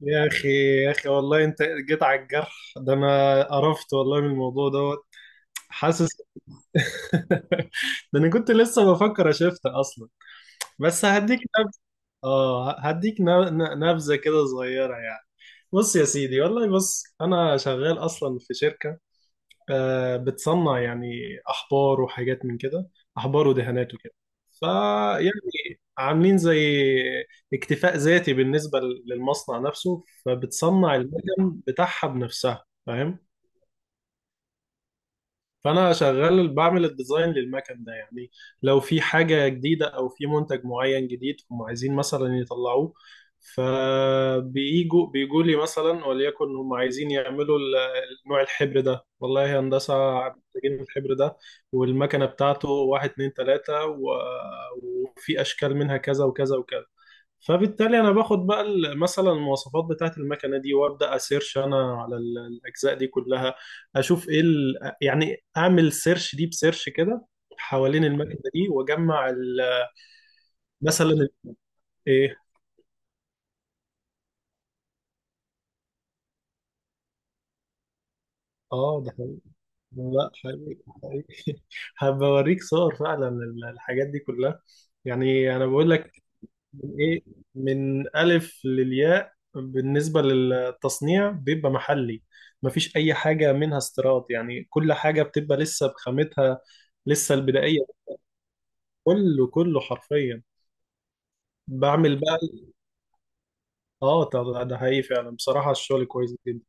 يا اخي يا اخي والله انت جيت على الجرح ده. انا قرفت والله من الموضوع دوت. حاسس. ده انا كنت لسه بفكر اشفتها اصلا، بس هديك نبذه. اه، هديك نبذه كده صغيره يعني. بص يا سيدي والله، بص انا شغال اصلا في شركه، بتصنع يعني أحبار وحاجات من كده أحبار ودهانات وكده. فيعني عاملين زي اكتفاء ذاتي بالنسبة للمصنع نفسه، فبتصنع المكن بتاعها بنفسها، فاهم؟ فانا شغال بعمل الديزاين للمكن ده يعني، لو في حاجه جديده او في منتج معين جديد هم عايزين مثلا يطلعوه، بيجوا لي مثلا. وليكن هم عايزين يعملوا نوع الحبر ده، والله يا هندسه محتاجين الحبر ده والمكنه بتاعته، واحد اتنين تلاته وفي اشكال منها كذا وكذا وكذا. فبالتالي انا باخد بقى مثلا المواصفات بتاعه المكنه دي وابدا اسيرش انا على الاجزاء دي كلها، اشوف ايه يعني اعمل سيرش دي بسيرش كده حوالين المكنه دي واجمع مثلا ايه. اه ده حقيقي. لا حقيقي حقيقي، هبوريك صور فعلا الحاجات دي كلها. يعني انا بقول لك، من ايه من الف للياء بالنسبه للتصنيع بيبقى محلي، مفيش اي حاجه منها استيراد يعني، كل حاجه بتبقى لسه بخامتها لسه البدائيه. كله كله حرفيا. بعمل بقى، اه ده حقيقي فعلا بصراحه، الشغل كويس جدا.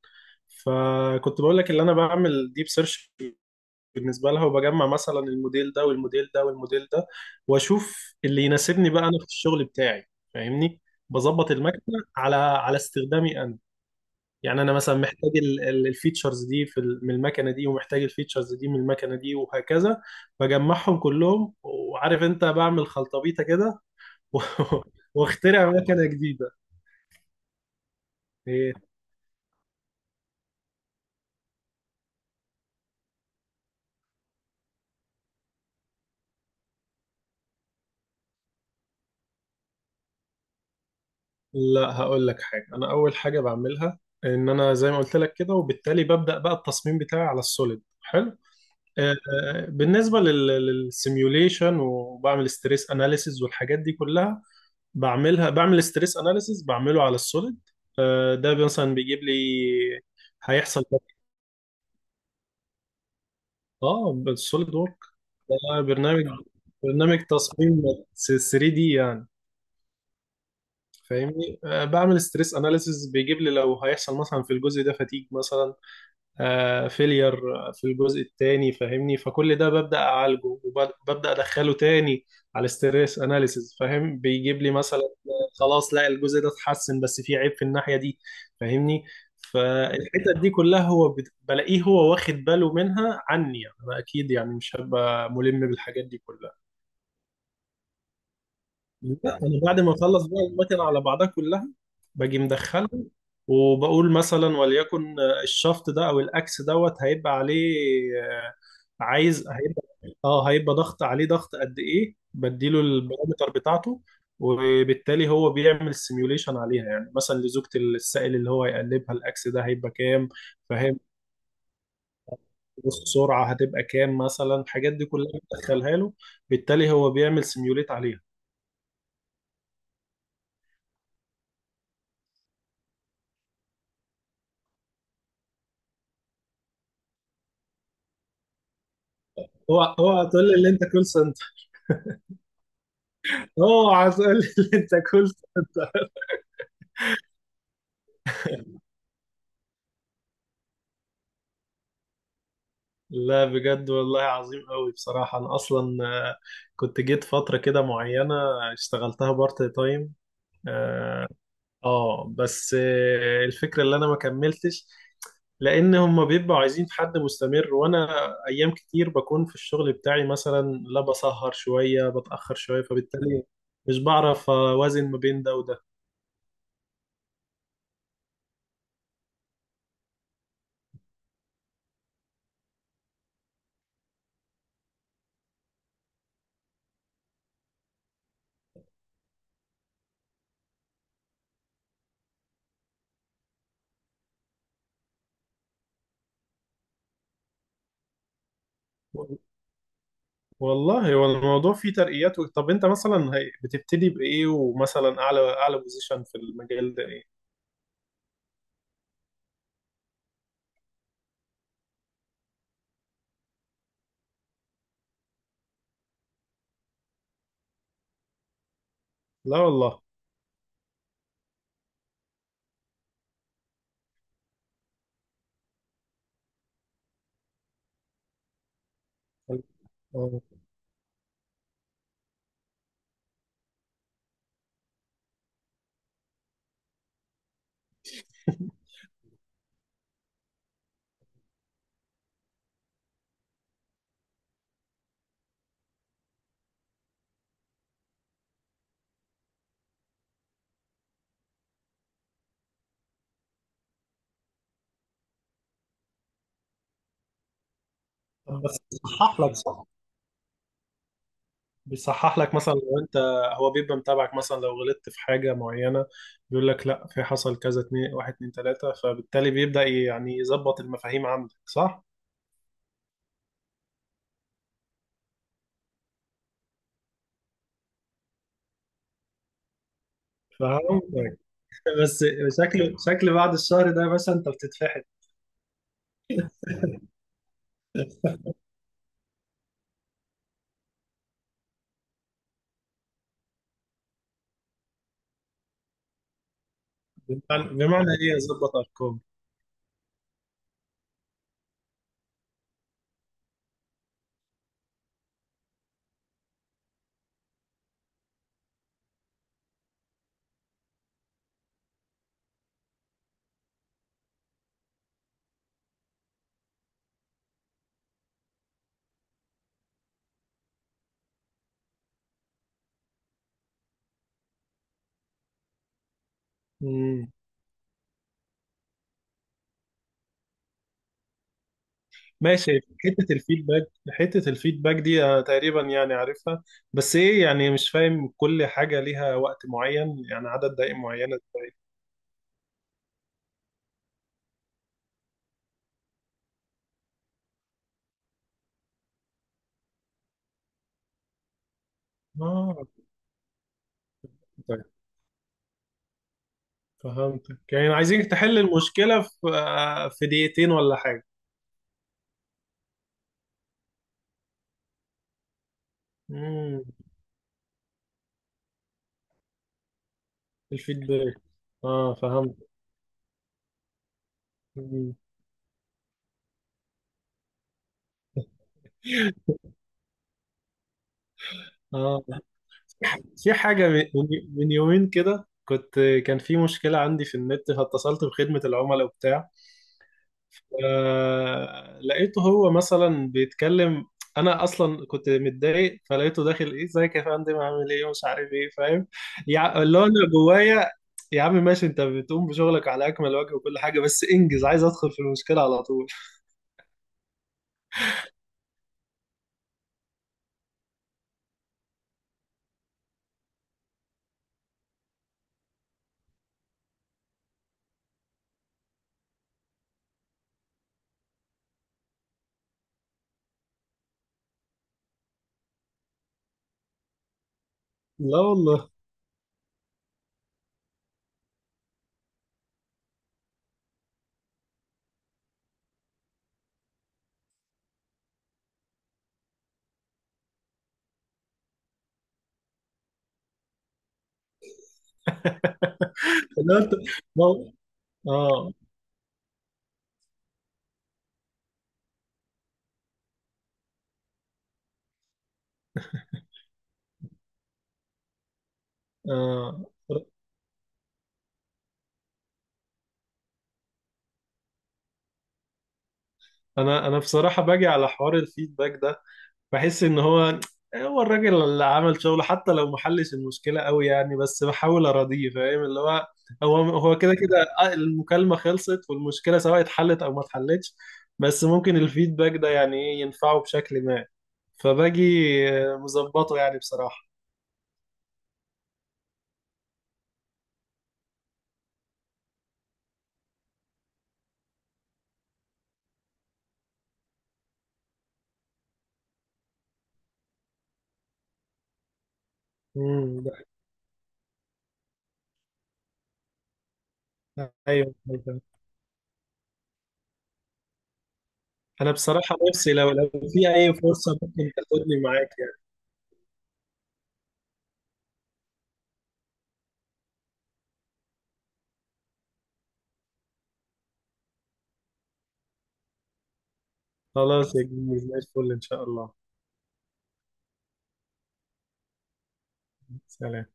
فكنت بقول لك، اللي انا بعمل ديب سيرش بالنسبه لها، وبجمع مثلا الموديل ده والموديل ده والموديل ده، واشوف اللي يناسبني بقى انا في الشغل بتاعي، فاهمني؟ بظبط المكنه على على استخدامي انا، يعني انا مثلا محتاج الفيتشرز دي في من المكنه دي، ومحتاج الفيتشرز دي من المكنه دي، وهكذا. بجمعهم كلهم، وعارف انت بعمل خلطبيطه كده، و- واخترع مكنه جديده. إيه؟ لا هقول لك حاجه، انا اول حاجه بعملها ان انا زي ما قلت لك كده، وبالتالي ببدا بقى التصميم بتاعي على السوليد حلو. آه، بالنسبه للسيميوليشن، وبعمل ستريس اناليسيز والحاجات دي كلها، بعملها بعمل ستريس اناليسيس بعمله على السوليد. ده مثلا بيجيب لي هيحصل كذا. اه بالسوليد وورك، ده برنامج تصميم 3 دي يعني، فاهمني؟ بعمل ستريس اناليسيس بيجيب لي لو هيحصل مثلا في الجزء ده فتيج مثلا، فيلير في الجزء الثاني، فاهمني؟ فكل ده ببدأ أعالجه وببدأ أدخله تاني على الستريس أناليسيز، فاهم؟ بيجيب لي مثلا خلاص، لا الجزء ده اتحسن بس في عيب في الناحية دي، فاهمني؟ فالحتة دي كلها هو بلاقيه هو واخد باله منها عني، يعني أنا أكيد يعني مش هبقى ملم بالحاجات دي كلها. لا يعني انا بعد ما اخلص بقى المكنه على بعضها كلها، باجي مدخله. وبقول مثلا وليكن الشفط ده او الاكس دوت هيبقى عليه، آه، عايز هيبقى، اه هيبقى ضغط عليه، ضغط قد ايه، بديله البارامتر بتاعته. وبالتالي هو بيعمل سيميوليشن عليها، يعني مثلا لزوجة السائل اللي هو يقلبها الاكس ده هيبقى كام، فاهم؟ السرعة هتبقى كام مثلا، الحاجات دي كلها بتدخلها له. بالتالي هو بيعمل سيميوليت عليها. هو هتقول لي اللي انت كول، اه عايز اقول اللي انت اكلته ده. لا بجد والله عظيم قوي بصراحة، انا اصلا آه، كنت جيت فترة كده معينة، اشتغلتها بارت تايم. اه، بس الفكرة اللي انا ما كملتش، لان هم بيبقوا عايزين في حد مستمر، وانا ايام كتير بكون في الشغل بتاعي مثلا، لا بسهر شوية، بتأخر شوية، فبالتالي مش بعرف اوازن ما بين ده وده. والله هو الموضوع فيه ترقيات، طب انت مثلا هي- بتبتدي بايه، ومثلا اعلى اعلى بوزيشن في المجال ده ايه؟ لا والله. آه. طب بس بيصحح لك صح، بيصحح لك مثلا لو انت، هو بيبقى متابعك مثلا لو غلطت في حاجه معينه، بيقول لك لا في حصل كذا اتنين، واحد اتنين تلاته، فبالتالي بيبدا يعني يظبط المفاهيم عندك صح. فهمتك، بس شكل بعد الشهر ده يا باشا انت بتتفحت. بمعنى ايه يظبط ارقام؟ ماشي، حتة الفيدباك دي تقريبا يعني عارفها، بس ايه يعني مش فاهم، كل حاجة ليها وقت معين يعني عدد دقائق معينة ازاي؟ اه، طيب، فهمتك، يعني عايزين تحل المشكلة في في دقيقتين ولا حاجة؟ امم الفيدباك، اه فهمت. مم. اه، في حاجة من يومين كده، كنت، كان في مشكلة عندي في النت، فاتصلت بخدمة العملاء وبتاع، لقيته هو مثلا بيتكلم، انا اصلا كنت متضايق، فلقيته داخل ايه، ازيك يا فندم، عامل ايه، ومش عارف ايه، فاهم؟ اللي هو انا جوايا يا عم ماشي، انت بتقوم بشغلك على اكمل وجه وكل حاجه، بس انجز، عايز ادخل في المشكله على طول. لا والله. لا انت ما- اه، اه انا بصراحه باجي على حوار الفيدباك ده، بحس ان هو، هو الراجل اللي عمل شغله حتى لو ما حلش المشكله قوي يعني، بس بحاول اراضيه، فاهم اللي هو، هو هو كده كده، المكالمه خلصت، والمشكله سواء اتحلت او ما اتحلتش، بس ممكن الفيدباك ده يعني ايه ينفعه بشكل ما. فباجي مظبطه يعني بصراحه. امم ده- ايوه أيوة. انا بصراحه نفسي لو في اي فرصه ممكن تاخدني معاك يعني. خلاص يا جميل، زي الفل ان شاء الله. سلام.